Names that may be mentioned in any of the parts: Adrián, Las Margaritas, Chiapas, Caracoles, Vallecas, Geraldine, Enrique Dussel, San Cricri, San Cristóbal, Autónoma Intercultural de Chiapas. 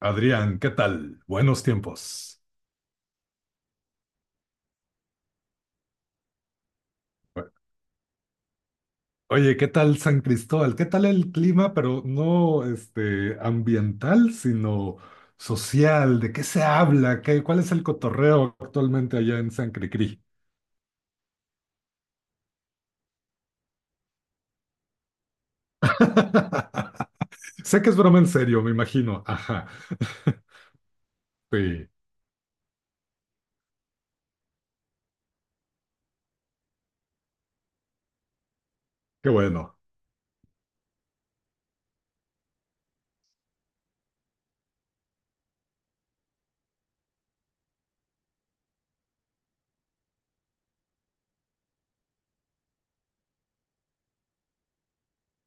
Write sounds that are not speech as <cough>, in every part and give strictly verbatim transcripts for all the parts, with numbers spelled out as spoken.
Adrián, ¿qué tal? Buenos tiempos. Oye, ¿qué tal San Cristóbal? ¿Qué tal el clima, pero no este ambiental, sino social? ¿De qué se habla? ¿Qué, ¿cuál es el cotorreo actualmente allá en San Cricri? <laughs> Sé que es broma en serio, me imagino. Ajá. <laughs> Sí, qué bueno.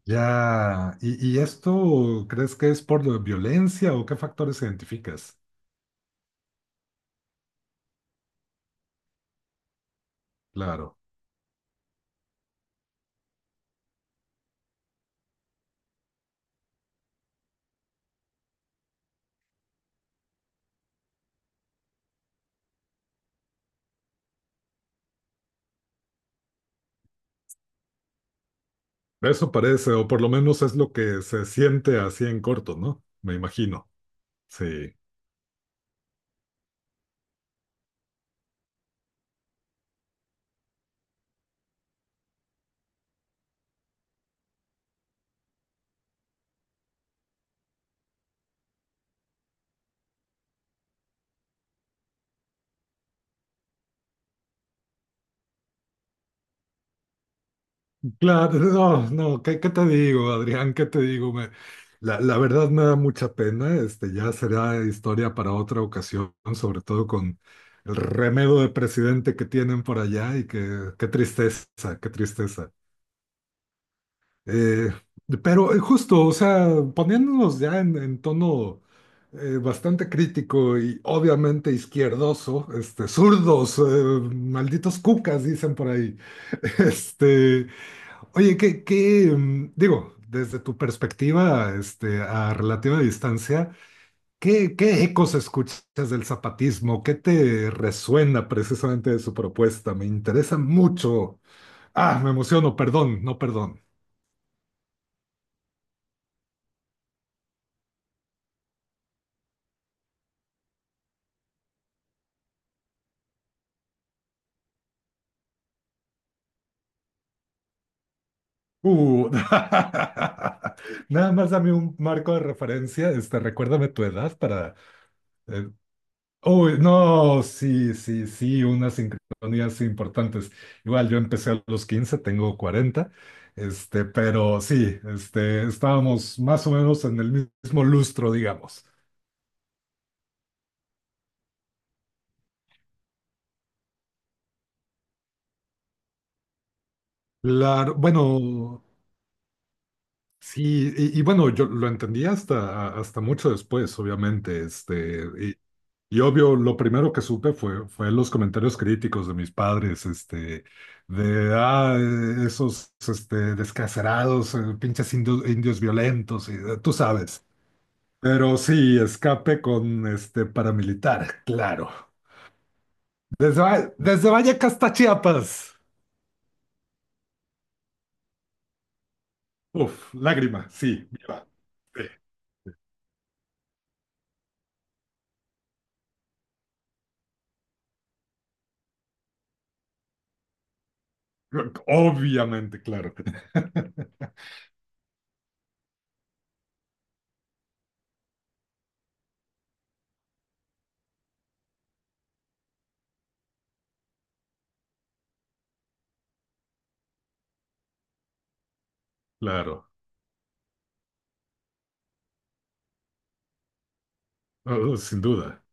Ya. ¿Y, y esto crees que es por la violencia o qué factores identificas? Claro. Eso parece, o por lo menos es lo que se siente así en corto, ¿no? Me imagino. Sí. Claro, no, no, ¿qué, ¿qué te digo, Adrián? ¿Qué te digo? Me- la, la verdad me da mucha pena, este, ya será historia para otra ocasión, sobre todo con el remedo de presidente que tienen por allá y que, qué tristeza, qué tristeza. Eh, pero eh, justo, o sea, poniéndonos ya en, en tono eh, bastante crítico y obviamente izquierdoso, este, zurdos, eh, malditos cucas, dicen por ahí. <laughs> Este, oye, ¿qué, qué, mm, digo, desde tu perspectiva, este, a relativa distancia, ¿qué, ¿qué ecos escuchas del zapatismo? ¿Qué te resuena precisamente de su propuesta? Me interesa mucho. Ah, me emociono, perdón, no perdón. Uh, <laughs> nada más dame un marco de referencia, este, recuérdame tu edad para... eh, uy, no, sí, sí, sí, unas sincronías importantes. Igual yo empecé a los quince, tengo cuarenta, este, pero sí, este, estábamos más o menos en el mismo lustro, digamos. La, bueno, sí, y, y bueno, yo lo entendí hasta, hasta mucho después, obviamente, este. Y obvio, lo primero que supe fue, fue los comentarios críticos de mis padres, este, de, ah, eh, esos, este, descacerados, eh, pinches indio- indios violentos, y, eh, tú sabes. Pero sí, escape con, este, paramilitar, claro. Desde, Va- desde Vallecas hasta Chiapas. Uf, lágrima, sí, viva. Sí. Obviamente, claro, claro. Oh, sin duda.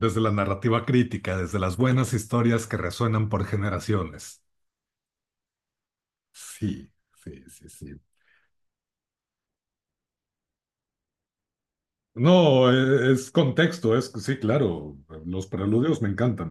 Desde la narrativa crítica, desde las buenas historias que resuenan por generaciones. Sí, sí, sí, sí. No, e- es contexto, es sí, claro. Los preludios me encantan.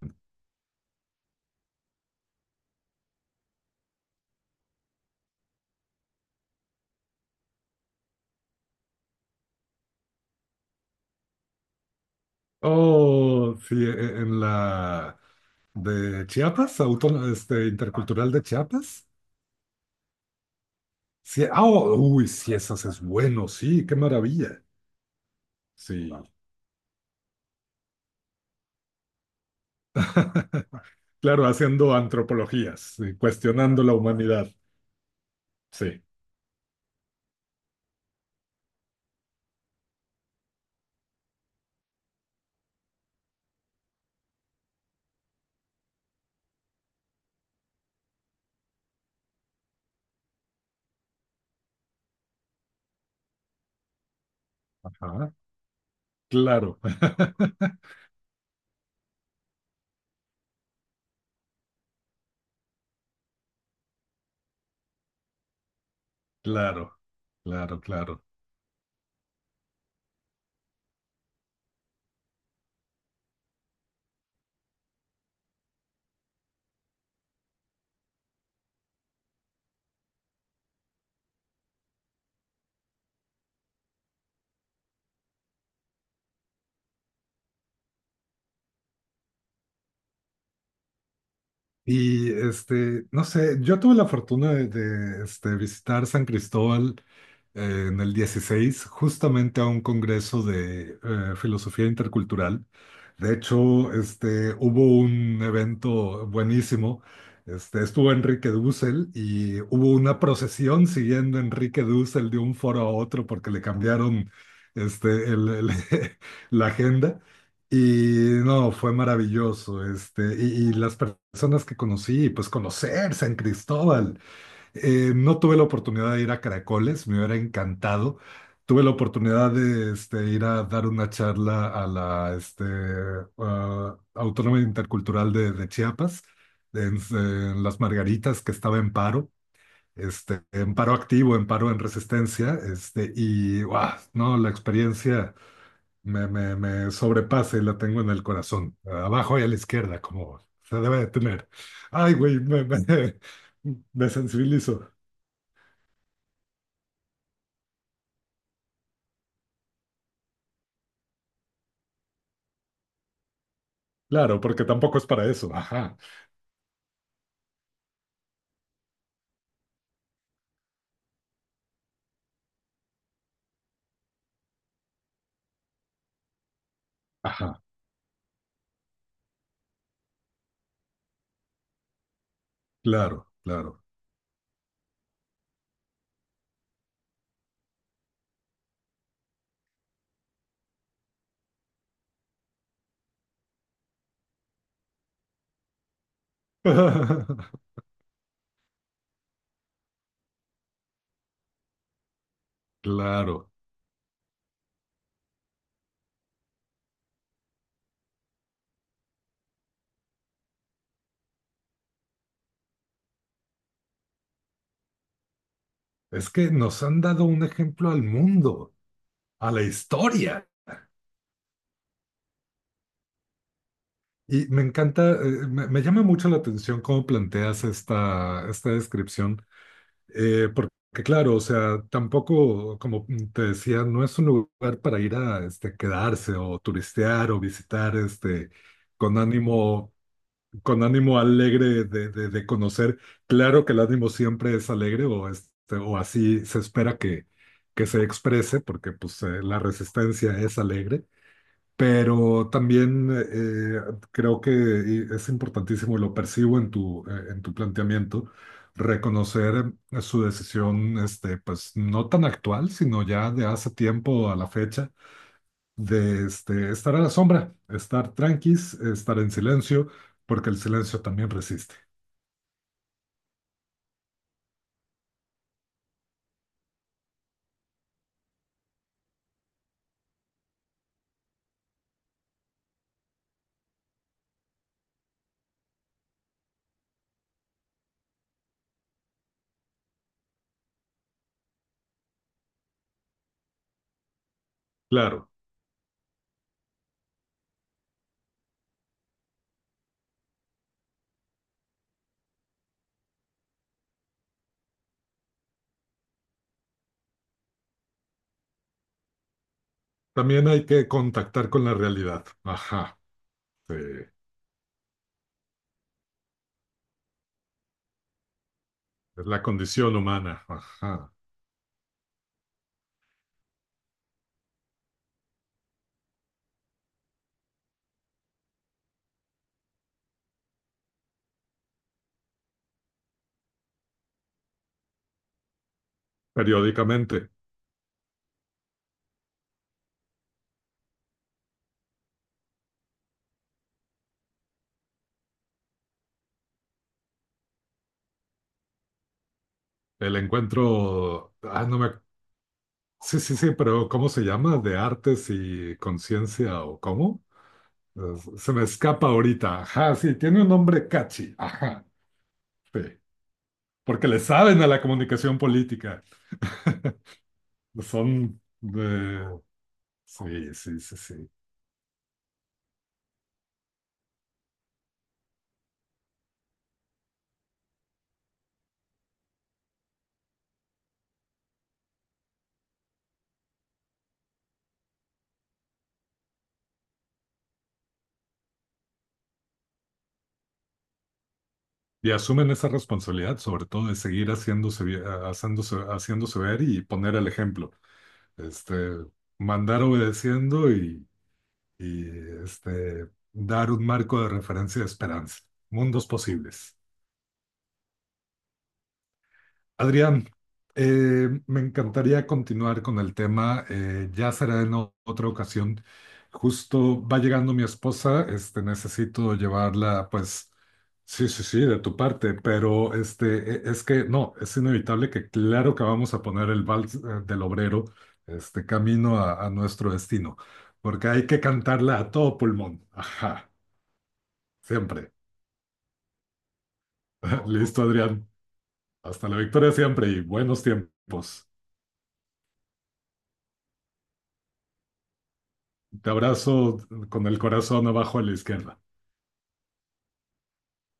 Oh, sí, e- e- en la de Chiapas, Autónoma, este, Intercultural de Chiapas. Sí, ah, oh, uy, sí, esas es bueno, sí, qué maravilla. Sí. <laughs> Claro, haciendo antropologías, sí, cuestionando la humanidad. Sí. Ajá, claro. <laughs> Claro, claro, claro. Y este, no sé, yo tuve la fortuna de, de, este, visitar San Cristóbal eh, en el dieciséis justamente a un congreso de eh, filosofía intercultural. De hecho, este, hubo un evento buenísimo. Este, estuvo Enrique Dussel y hubo una procesión siguiendo a Enrique Dussel de un foro a otro porque le cambiaron este, el- el- <laughs> la agenda. Y no, fue maravilloso, este, y, y las per- personas que conocí, pues conocer San Cristóbal. Eh, no tuve la oportunidad de ir a Caracoles, me hubiera encantado. Tuve la oportunidad de este, ir a dar una charla a la este, ah, Autónoma Intercultural de, de Chiapas, en, en Las Margaritas, que estaba en paro, este, en paro activo, en paro en resistencia, este, y wow, no, la experiencia me, me, me sobrepasa y la tengo en el corazón, abajo y a la izquierda, como se debe de tener. Ay, güey, me, me, <laughs> me sensibilizo. Claro, porque tampoco es para eso. Ajá, ajá, claro, claro. <laughs> Claro, es que nos han dado un ejemplo al mundo, a la historia. Y me encanta, eh, me, me llama mucho la atención cómo planteas esta, esta descripción. Eh, porque claro, o sea, tampoco, como te decía, no es un lugar para ir a este, quedarse o turistear o visitar este, con ánimo, con ánimo alegre de, de- de conocer. Claro que el ánimo siempre es alegre o, este, o así se espera que, que se exprese, porque pues eh, la resistencia es alegre. Pero también eh, creo que y es importantísimo, y lo percibo en tu, eh, en tu planteamiento, reconocer eh, su decisión, este, pues no tan actual, sino ya de hace tiempo a la fecha, de este, estar a la sombra, estar tranquis, estar en silencio, porque el silencio también resiste. Claro, también hay que contactar con la realidad. Ajá, sí, es la condición humana. Ajá, periódicamente. El encuentro, ah, no me. Sí, sí, sí, pero ¿cómo se llama? ¿De artes y conciencia o cómo? Es- Se me escapa ahorita. Ajá, sí, tiene un nombre catchy. Ajá, sí. Porque le saben a la comunicación política. <laughs> Son de... Sí, sí, sí, sí. Y asumen esa responsabilidad, sobre todo de seguir haciéndose, vi- haciéndose, haciéndose ver y poner el ejemplo. Este, mandar obedeciendo y, y este, dar un marco de referencia de esperanza. Mundos posibles. Adrián, eh, me encantaría continuar con el tema, eh, ya será en o- otra ocasión. Justo va llegando mi esposa, este, necesito llevarla, pues, sí, sí, sí, de tu parte, pero este, e- es que no, es inevitable que claro que vamos a poner el vals eh, del obrero, este, camino a, a nuestro destino, porque hay que cantarla a todo pulmón, ajá, siempre. <laughs> Listo, Adrián, hasta la victoria siempre y buenos tiempos. Te abrazo con el corazón abajo a la izquierda.